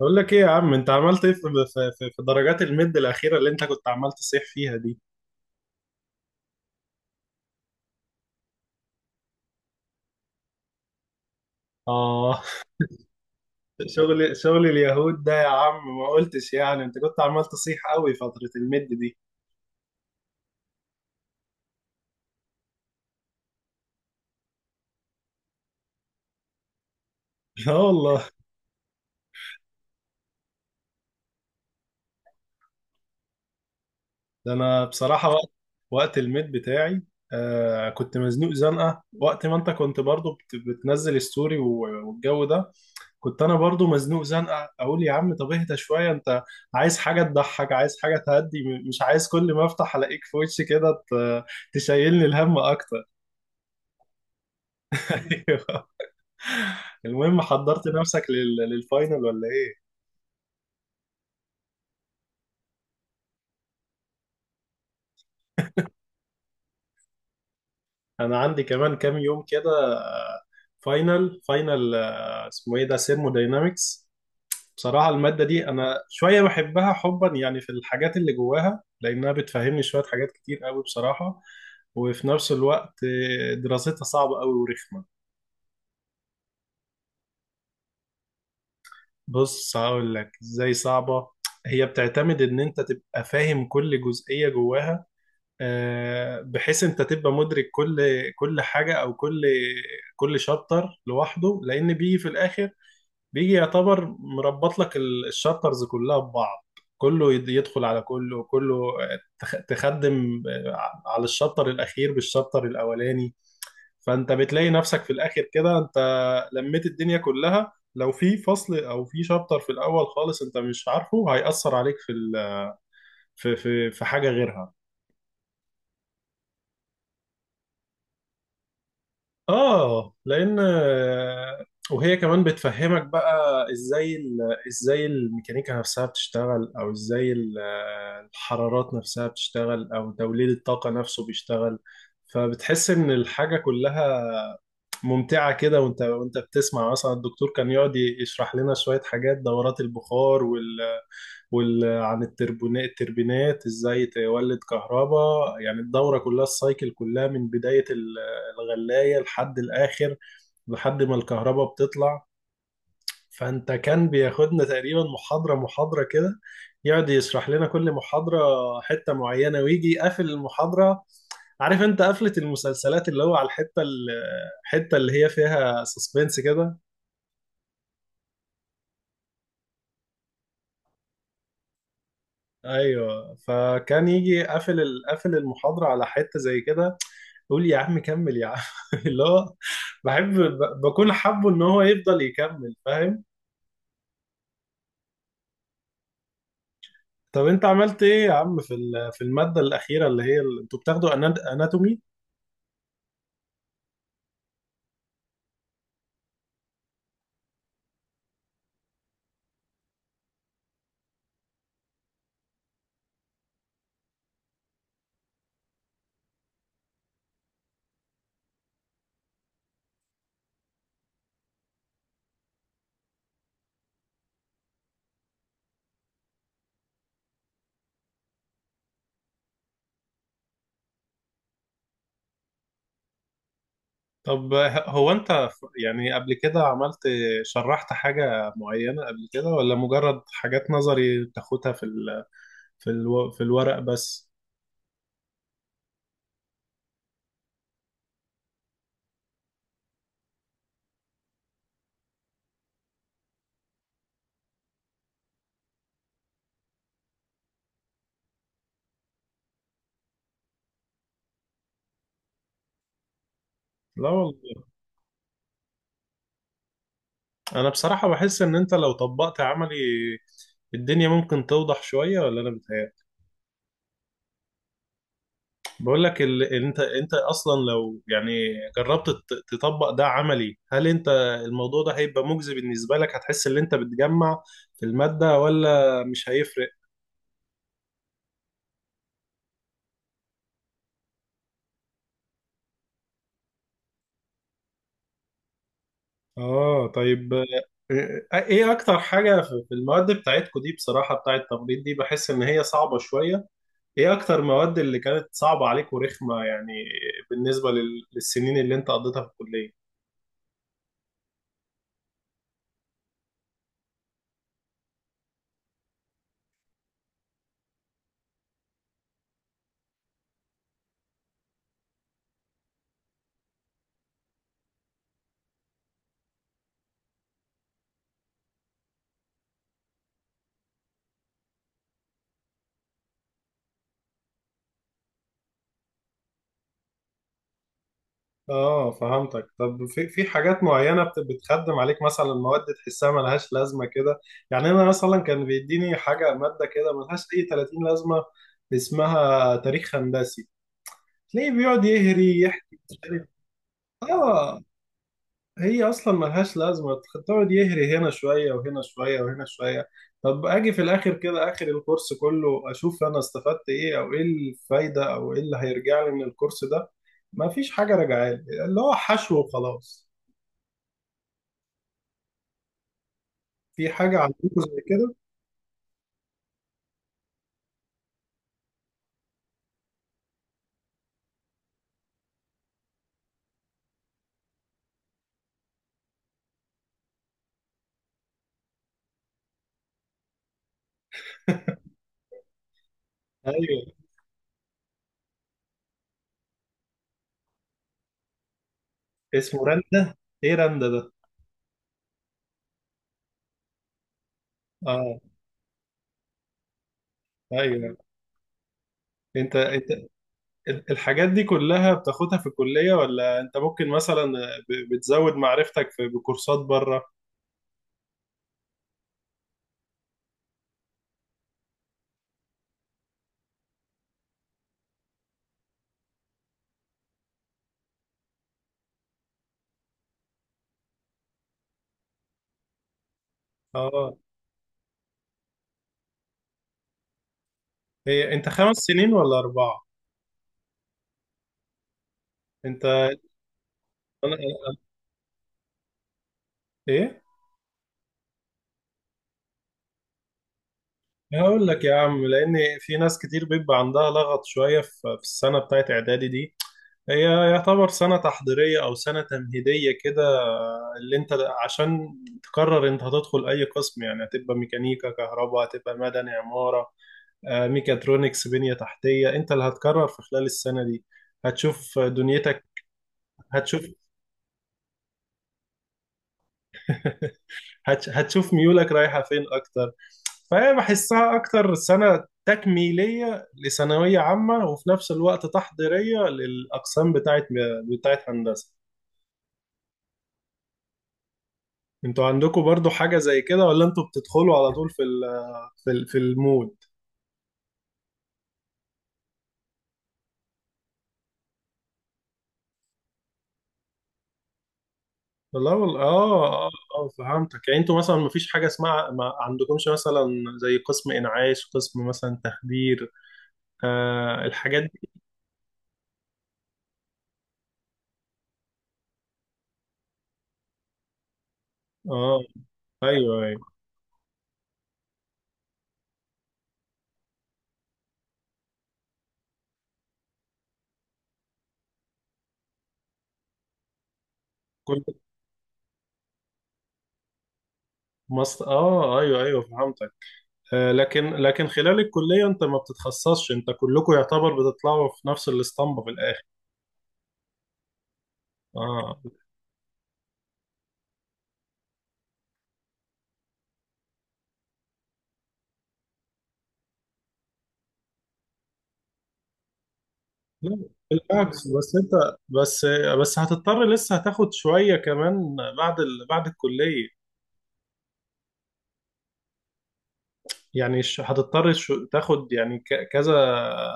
بقول لك ايه يا عم، انت عملت ايه في في درجات المد الاخيره اللي انت كنت عمال تصيح فيها دي؟ اه، شغل اليهود ده يا عم، ما قلتش يعني، انت كنت عمال تصيح قوي فتره المد دي. لا والله، ده انا بصراحه وقت المد بتاعي كنت مزنوق زنقه وقت ما انت كنت برضو بتنزل ستوري والجو ده، كنت انا برضو مزنوق زنقه اقول يا عم طب اهدى شويه انت، عايز حاجه تضحك، عايز حاجه تهدي، مش عايز كل ما افتح الاقيك في وشي كده تشيلني الهم اكتر. أيوه. المهم، حضرت نفسك للفاينل ولا ايه؟ انا عندي كمان كام يوم كده. آه، فاينل فاينل، اسمه ايه ده، سيرموداينامكس. بصراحة المادة دي أنا شوية بحبها حبا، يعني في الحاجات اللي جواها، لأنها بتفهمني شوية حاجات كتير قوي بصراحة، وفي نفس الوقت دراستها صعبة قوي ورخمة. بص هقول لك إزاي صعبة. هي بتعتمد إن أنت تبقى فاهم كل جزئية جواها، بحيث أنت تبقى مدرك كل حاجة، أو كل شابتر لوحده، لأن بيجي في الآخر، بيجي يعتبر مربط لك الشابترز كلها ببعض، كله يدخل على كله، كله تخدم على الشابتر الأخير بالشابتر الأولاني. فأنت بتلاقي نفسك في الآخر كده أنت لميت الدنيا كلها، لو في فصل أو في شابتر في الأول خالص أنت مش عارفه هيأثر عليك في في حاجة غيرها. اه لان وهي كمان بتفهمك بقى ازاي الميكانيكا نفسها بتشتغل، او ازاي الحرارات نفسها بتشتغل، او توليد الطاقة نفسه بيشتغل. فبتحس ان الحاجة كلها ممتعة كده، وانت بتسمع مثلا الدكتور كان يقعد يشرح لنا شوية حاجات دورات البخار عن التربونات، التربينات، ازاي تولد كهرباء. يعني الدورة كلها، السايكل كلها، من بداية الغلاية لحد الآخر، لحد ما الكهرباء بتطلع. فانت كان بياخدنا تقريبا محاضرة محاضرة كده، يقعد يشرح لنا كل محاضرة حتة معينة، ويجي يقفل المحاضرة. عارف انت قفلة المسلسلات، اللي هو على الحتة اللي هي فيها سسبنس كده. ايوه، فكان يجي قافل المحاضرة على حتة زي كده، يقول يا عم كمل يا عم. اللي هو بحب بكون حابه ان هو يفضل يكمل، فاهم. طب انت عملت ايه يا عم في في المادة الأخيرة اللي هي انتوا بتاخدوا، اناتومي؟ طب هو انت يعني قبل كده عملت، شرحت حاجة معينة قبل كده، ولا مجرد حاجات نظري بتاخدها في ال في الورق بس؟ لا والله، انا بصراحة بحس ان انت لو طبقت عملي الدنيا ممكن توضح شوية، ولا انا بتهيألي؟ بقول لك انت، انت اصلا لو يعني جربت تطبق ده عملي، هل انت الموضوع ده هيبقى مجزي بالنسبة لك؟ هتحس ان انت بتجمع في المادة، ولا مش هيفرق؟ اه طيب، ايه اكتر حاجة في في المواد بتاعتكو دي، بصراحة بتاعت التمريض دي، بحس ان هي صعبة شوية. ايه اكتر مواد اللي كانت صعبة عليك ورخمة يعني، بالنسبة للسنين اللي انت قضيتها في الكلية؟ اه فهمتك. طب في في حاجات معينة بتخدم عليك، مثلا مواد تحسها ملهاش لازمة كده؟ يعني أنا مثلا كان بيديني حاجة مادة كده ملهاش أي 30 لازمة، اسمها تاريخ هندسي، تلاقيه بيقعد يهري، يحكي مش عارف. اه، هي أصلا ملهاش لازمة، تقعد يهري هنا شوية وهنا شوية وهنا شوية. طب أجي في الآخر كده آخر الكورس كله أشوف أنا استفدت إيه، أو إيه الفايدة، أو إيه اللي هيرجع لي من الكورس ده؟ مفيش حاجة راجعالي، اللي هو حشو وخلاص. في حاجة عندكم زي كده؟ ايوه، اسمه رندا. ايه رندا ده؟ اه، ايوه. انت الحاجات دي كلها بتاخدها في الكلية، ولا انت ممكن مثلا بتزود معرفتك في بكورسات بره؟ اه. هي انت خمس سنين ولا اربعة؟ انت. انا، ايه، هقول لك يا عم، لان في ناس كتير بيبقى عندها لغط شوية في في السنة بتاعت اعدادي دي. هي يعتبر سنة تحضيرية أو سنة تمهيدية كده، اللي أنت عشان تقرر أنت هتدخل أي قسم، يعني هتبقى ميكانيكا، كهرباء، هتبقى مدني، عمارة، ميكاترونكس، بنية تحتية، أنت اللي هتقرر في خلال السنة دي. هتشوف دنيتك، هتشوف. هتشوف ميولك رايحة فين أكتر. فهي بحسها أكتر سنة تكميلية لثانوية عامة، وفي نفس الوقت تحضيرية للأقسام بتاعت هندسة. انتوا عندكم برضو حاجة زي كده، ولا انتوا بتدخلوا على طول في ال في المود؟ والله والله اه اه اه فهمتك. يعني انتوا مثلا مفيش حاجة اسمها، ما عندكمش مثلا زي قسم انعاش، قسم مثلا تخدير، آه الحاجات دي؟ اه ايوه ايوه. كل مصر اه ايوه ايوه فهمتك. آه، لكن خلال الكلية انت ما بتتخصصش، انت كلكم يعتبر بتطلعوا في نفس الاسطمبة في الاخر. اه. لا بالعكس، بس انت، بس بس هتضطر لسه هتاخد شوية كمان بعد بعد الكلية. يعني هتضطر شو تاخد يعني ك كذا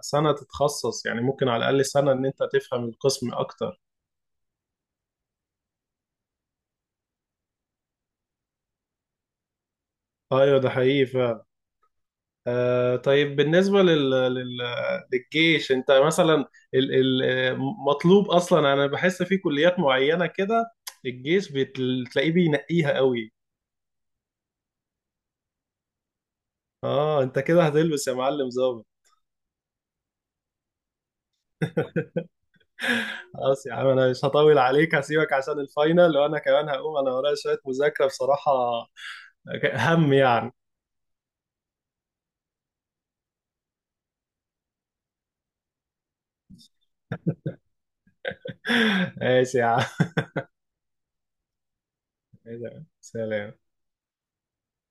سنة تتخصص، يعني ممكن على الأقل سنة إن أنت تفهم القسم أكتر. أيوه، ده حقيقي فعلا. طيب، بالنسبة للجيش، أنت مثلا ال... ال... مطلوب أصلا؟ أنا بحس في كليات معينة كده الجيش بتلاقيه بينقيها قوي. اه، انت كده هتلبس يا معلم ظابط. خلاص يا عم، انا مش هطول عليك، هسيبك عشان الفاينل، وانا كمان هقوم، انا ورايا شوية مذاكرة بصراحة، هم يعني. ماشي يا عم. سلام.